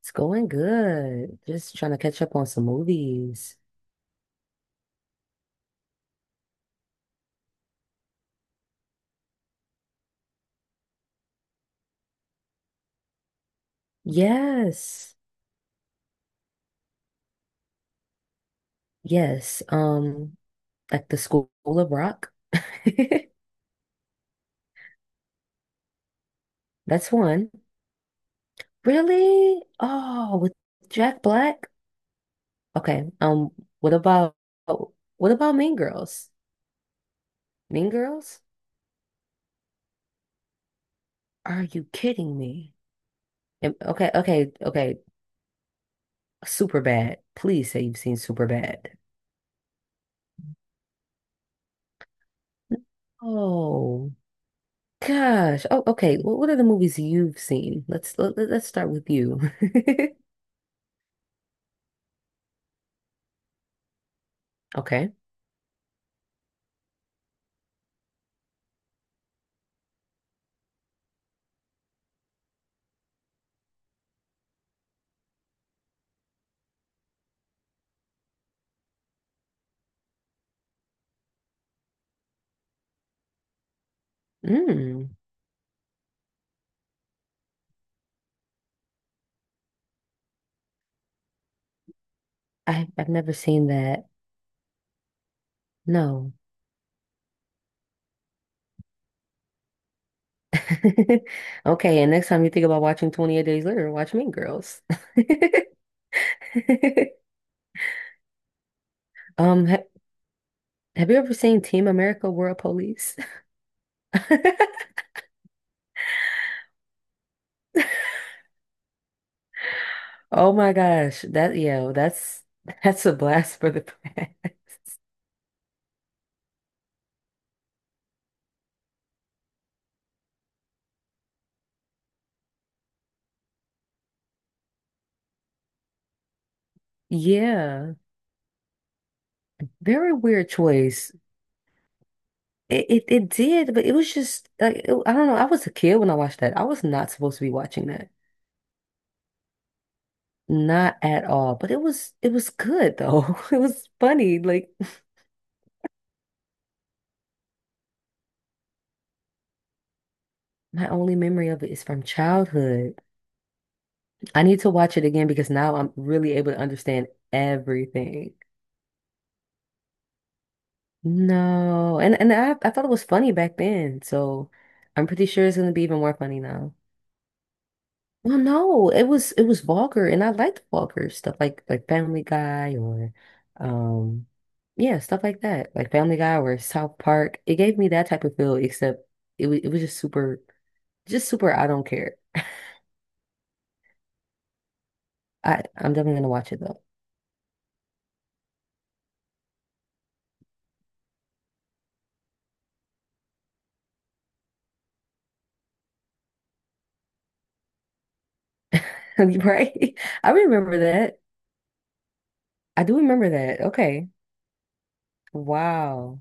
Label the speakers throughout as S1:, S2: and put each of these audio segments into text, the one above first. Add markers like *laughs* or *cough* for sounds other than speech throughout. S1: It's going good. Just trying to catch up on some movies. Yes. Yes. Like the School of Rock. *laughs* That's one. Really? Oh, with Jack Black? Okay. What about what about Mean Girls? Mean Girls? Are you kidding me? Okay, okay. Super bad. Please say you've seen Super bad. Oh. Gosh. Oh, okay. Well, what are the movies you've seen? Let's start with you. *laughs* Okay. Mm. I've never seen that. No. *laughs* Okay, and next time you think about watching 28 Days Later, watch Mean Girls. *laughs* Ha Have you ever seen Team America World Police? *laughs* Oh my gosh, that yeah, that's a blast for the past. *laughs* Yeah, very weird choice. It it did, but it was just like I don't know. I was a kid when I watched that. I was not supposed to be watching that, not at all. But it was good though. *laughs* It was funny. Like my only memory of it is from childhood. I need to watch it again because now I'm really able to understand everything. No, and I thought it was funny back then, so I'm pretty sure it's gonna be even more funny now. Well, no, it was vulgar, and I liked vulgar stuff like Family Guy or, um, yeah, stuff like that, like Family Guy or South Park. It gave me that type of feel, except it was just super, just super. I don't care. I'm definitely gonna watch it though, *laughs* right? I remember that. I do remember that. Okay, wow.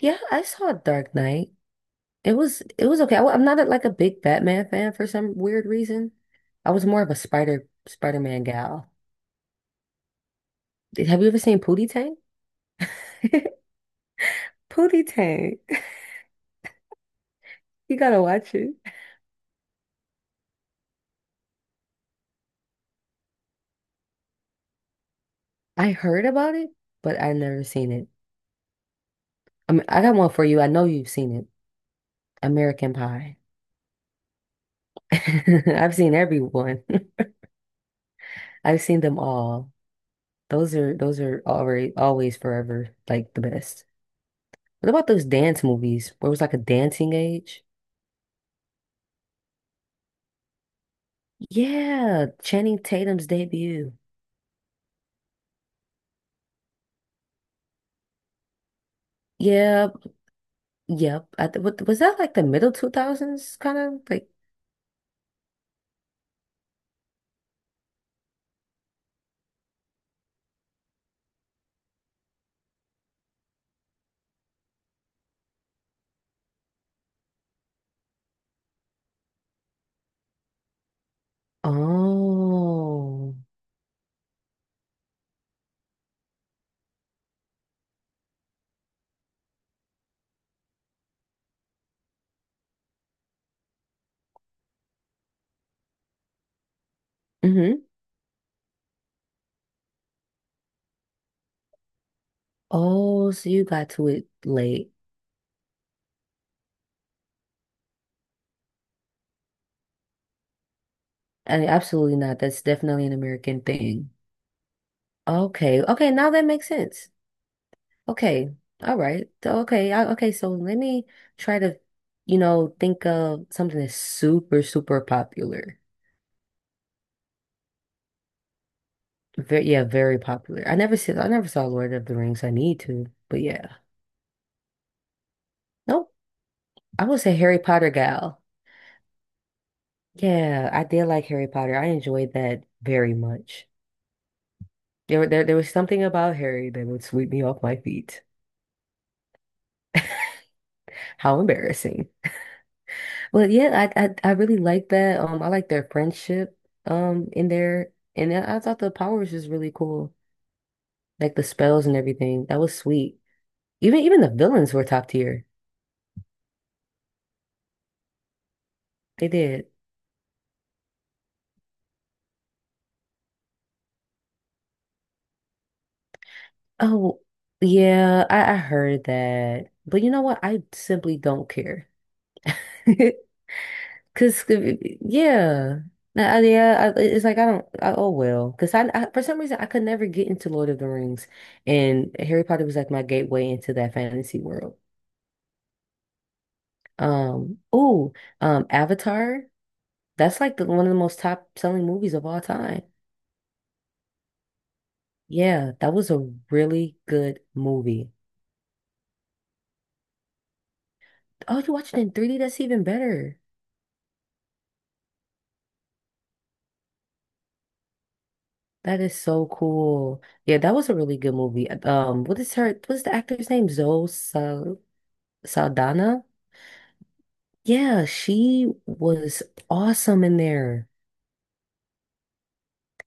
S1: Yeah, I saw Dark Knight. It was okay. I am not a, like a big Batman fan for some weird reason. I was more of a Spider-Man gal. Have you ever seen Pootie Tang? *laughs* Pootie Tang. You gotta watch it. I heard about it, but I never seen it. I mean, I got one for you. I know you've seen it. American Pie. *laughs* I've seen everyone. *laughs* I've seen them all. Those are already always forever like the best. What about those dance movies where it was like a dancing age? Yeah, Channing Tatum's debut. Yeah, yep. Was that like the middle 2000s kind of like? Oh. Hmm. Oh, so you got to it late. I mean, absolutely not. That's definitely an American thing. Okay. Okay, now that makes sense. Okay. All right. So, okay. Okay, so let me try to, you know, think of something that's super popular. Yeah, very popular. I never saw Lord of the Rings. I need to, but yeah. Nope. I was a Harry Potter gal. Yeah, I did like Harry Potter. I enjoyed that very much. There was something about Harry that would sweep me off my feet. How embarrassing. But yeah, I really like that. I like their friendship in there. And then I thought the power was just really cool. Like the spells and everything. That was sweet. Even the villains were top tier. They did. Oh, yeah, I heard that. But you know what? I simply don't care. *laughs* Cause yeah. Yeah, it's like I don't. Oh well, because I for some reason I could never get into Lord of the Rings, and Harry Potter was like my gateway into that fantasy world. Um, oh, Avatar. That's like the one of the most top selling movies of all time. Yeah, that was a really good movie. Oh, you watched it in 3D? That's even better. That is so cool. Yeah, that was a really good movie. What's the actor's name? Zoe Sal Saldana? Yeah, she was awesome in there.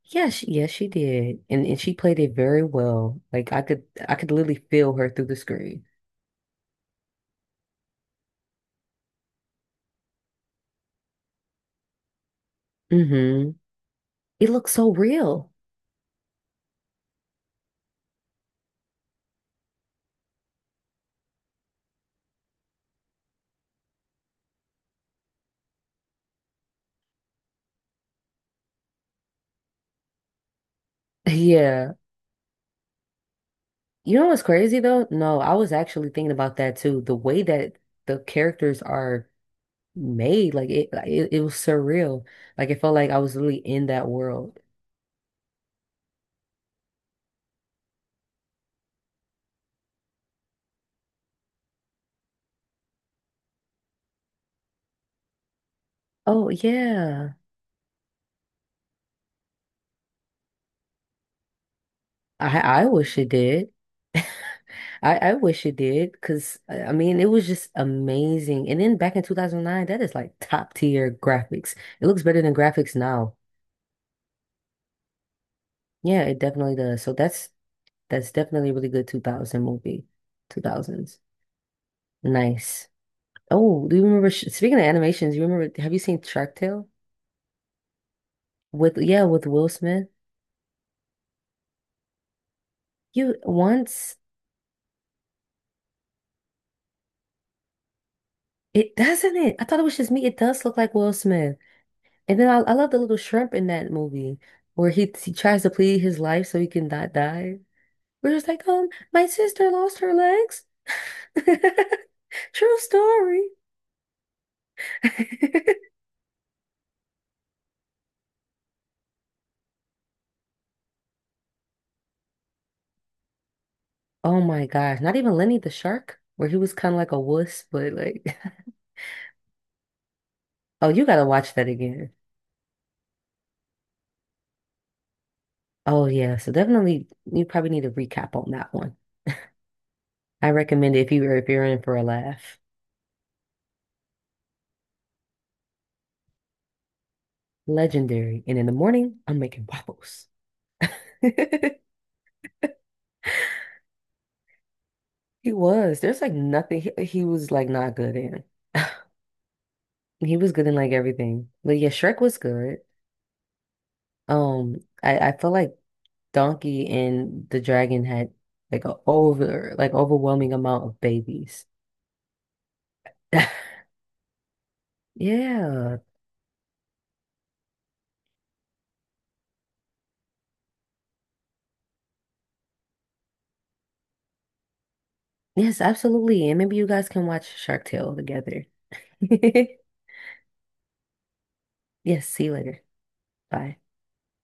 S1: Yeah, yes, she did. And she played it very well. Like I could literally feel her through the screen. Mm-hmm. It looked so real. Yeah. You know what's crazy though? No, I was actually thinking about that too. The way that the characters are made, it was surreal. Like it felt like I was really in that world. Oh yeah. I wish it did. I wish it did because I mean it was just amazing. And then back in 2009, that is like top tier graphics. It looks better than graphics now. Yeah, it definitely does. So that's definitely a really good 2000 movie. 2000s. Nice. Oh, do you remember? Speaking of animations, you remember? Have you seen Shark Tale with with Will Smith? You once it doesn't it? I thought it was just me. It does look like Will Smith, and then I love the little shrimp in that movie where he tries to plead his life so he can not die. We're just like, my sister lost her legs. *laughs* True story. *laughs* Oh my gosh! Not even Lenny the shark, where he was kind of like a wuss, but like, *laughs* oh, you gotta watch that again. Oh yeah, so definitely you probably need a recap on that one. I recommend it if you if you're in for a laugh. Legendary. And in the morning, I'm making waffles. *laughs* He was. There's like nothing he was like not good in. *sighs* *laughs* He was good in like everything. But yeah, Shrek was good. I feel like Donkey and the Dragon had like a overwhelming amount of babies. *laughs* Yeah. Yes, absolutely. And maybe you guys can watch Shark Tale together. *laughs* Yes, see you later. Bye.